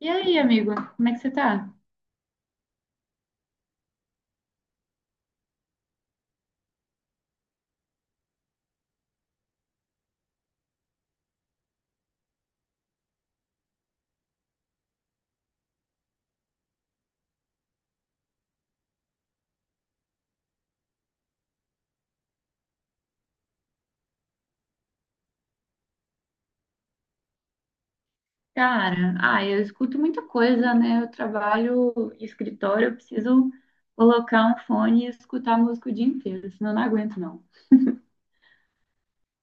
E aí, amigo, como é que você tá? Cara, eu escuto muita coisa, né? Eu trabalho em escritório, eu preciso colocar um fone e escutar música o dia inteiro, senão eu não aguento, não.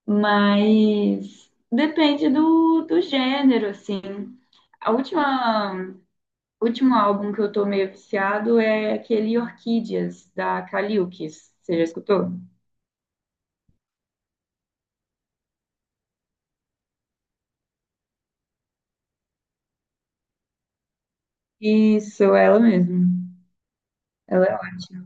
Mas depende do gênero, assim. A última, último álbum que eu tô meio viciado é aquele Orquídeas, da Kaliukis. Você já escutou? Isso, ela mesmo. Ela é ótima.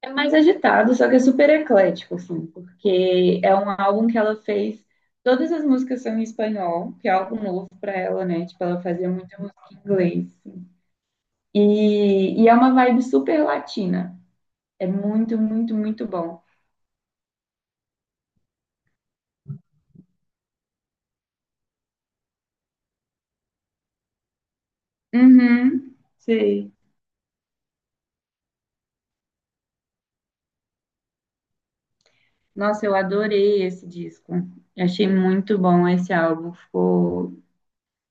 É mais agitado, só que é super eclético, assim, porque é um álbum que ela fez. Todas as músicas são em espanhol, que é algo novo para ela, né? Tipo, ela fazia muita música em inglês, assim. E é uma vibe super latina. É muito, muito, muito bom. Uhum, sei. Nossa, eu adorei esse disco. Eu achei muito bom esse álbum. Ficou.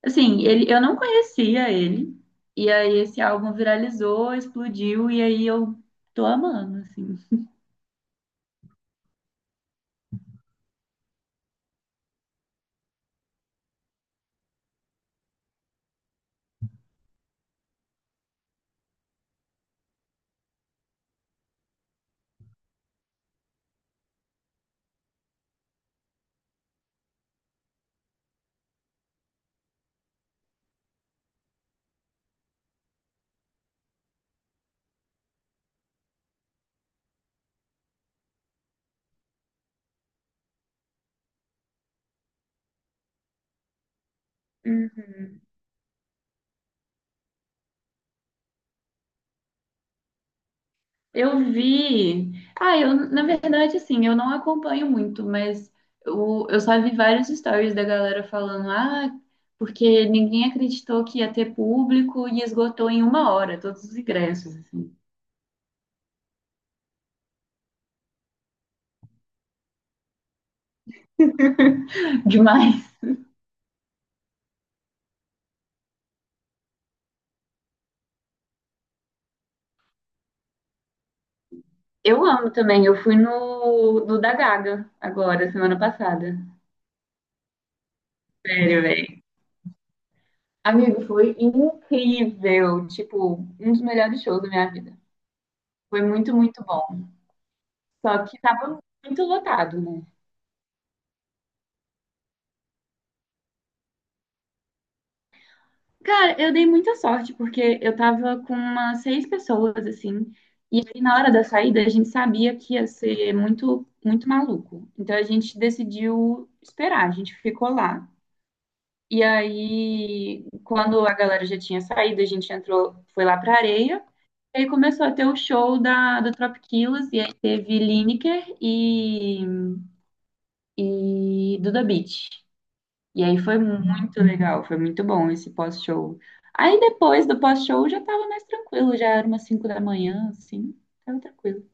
Assim, ele, eu não conhecia ele. E aí esse álbum viralizou, explodiu, e aí eu tô amando, assim. Uhum. Eu vi. Ah, eu, na verdade, assim, eu não acompanho muito, mas eu só vi vários stories da galera falando, porque ninguém acreditou que ia ter público e esgotou em uma hora todos os ingressos, assim. Demais. Eu amo também. Eu fui no da Gaga agora, semana passada. Sério, velho. Amigo, foi incrível. Tipo, um dos melhores shows da minha vida. Foi muito, muito bom. Só que tava muito lotado, né? Cara, eu dei muita sorte, porque eu tava com umas seis pessoas, assim, e aí na hora da saída a gente sabia que ia ser muito, muito maluco. Então a gente decidiu esperar, a gente ficou lá. E aí, quando a galera já tinha saído, a gente entrou, foi lá pra areia, e aí começou a ter o show do Tropiquilos, e aí teve Lineker e Duda Beat. E aí foi muito legal, foi muito bom esse pós-show. Aí depois do pós-show já tava mais tranquilo, já era umas 5 da manhã, assim, tava tranquilo.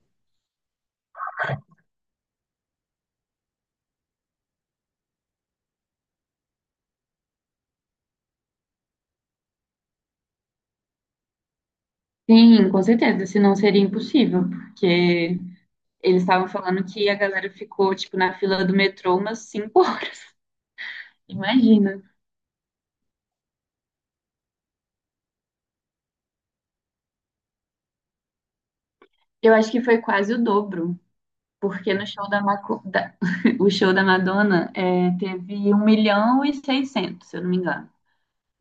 Sim, com certeza, senão seria impossível, porque eles estavam falando que a galera ficou, tipo, na fila do metrô umas 5 horas. Imagina. Eu acho que foi quase o dobro, porque no show da, Maco... da... o show da Madonna é, teve um milhão e 600, se eu não me engano.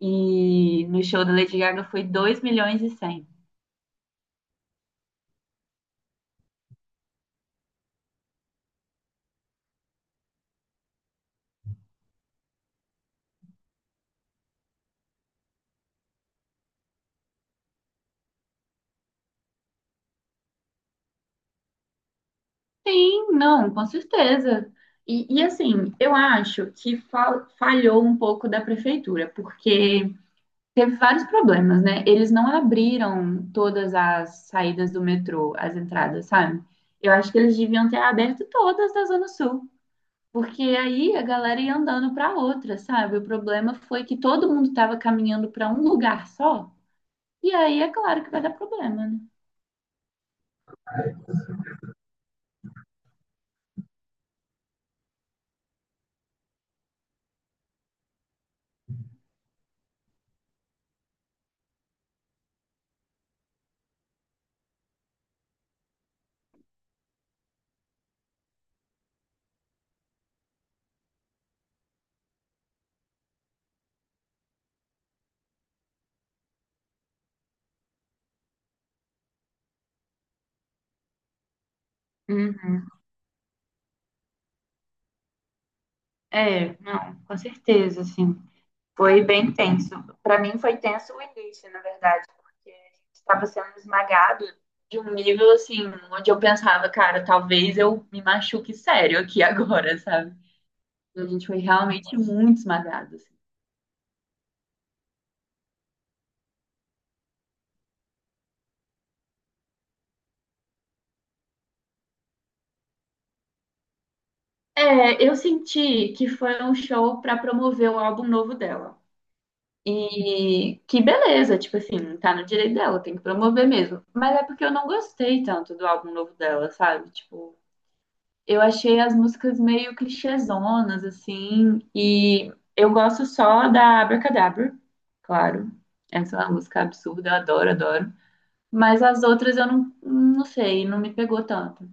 E no show da Lady Gaga foi 2 milhões e 100. Sim, não, com certeza. Assim, eu acho que falhou um pouco da prefeitura, porque teve vários problemas, né? Eles não abriram todas as saídas do metrô, as entradas, sabe? Eu acho que eles deviam ter aberto todas da Zona Sul, porque aí a galera ia andando para outra, sabe? O problema foi que todo mundo estava caminhando para um lugar só, e aí é claro que vai dar problema, né? Uhum. É, não, com certeza, assim. Foi bem tenso. Para mim foi tenso o início, na verdade, porque a gente estava sendo esmagado de um nível assim, onde eu pensava, cara, talvez eu me machuque sério aqui agora, sabe? A gente foi realmente muito esmagado, assim. É, eu senti que foi um show para promover o álbum novo dela. E que beleza, tipo assim, tá no direito dela, tem que promover mesmo. Mas é porque eu não gostei tanto do álbum novo dela, sabe? Tipo, eu achei as músicas meio clichêzonas, assim, e eu gosto só da Abracadabra, claro. Essa é uma música absurda, eu adoro, adoro. Mas as outras eu não, não sei, não me pegou tanto.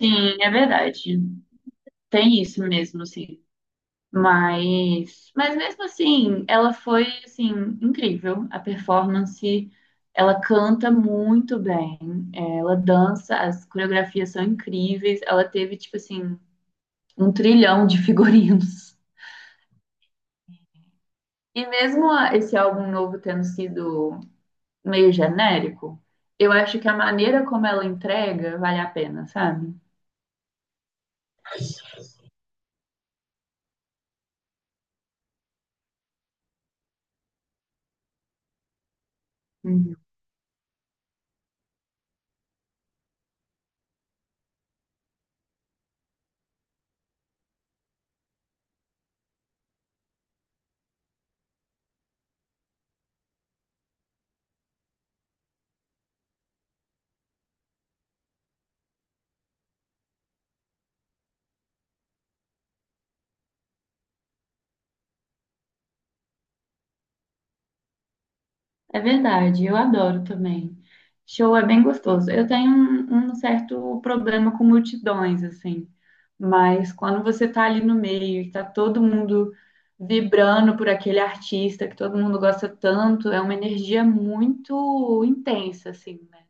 Sim, é verdade. Tem isso mesmo, sim. Mas mesmo assim, ela foi assim incrível. A performance, ela canta muito bem, ela dança, as coreografias são incríveis. Ela teve tipo assim um trilhão de figurinos. E mesmo esse álbum novo tendo sido meio genérico, eu acho que a maneira como ela entrega vale a pena, sabe? Uhum. É verdade, eu adoro também. Show é bem gostoso. Eu tenho um certo problema com multidões, assim, mas quando você tá ali no meio e tá todo mundo vibrando por aquele artista que todo mundo gosta tanto, é uma energia muito intensa, assim, né?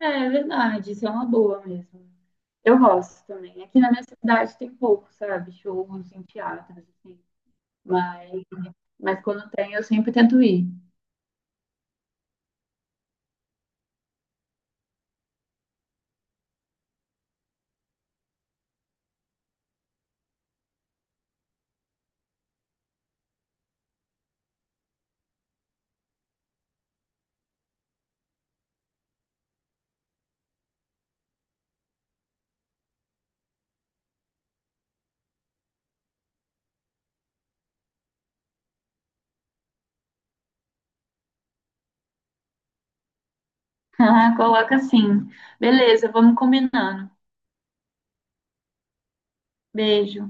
É verdade, isso é uma boa mesmo. Eu gosto também. Aqui na minha cidade tem pouco, sabe? Shows em teatros, assim. Mas, mas quando tem, eu sempre tento ir. Ah, coloca assim. Beleza, vamos combinando. Beijo.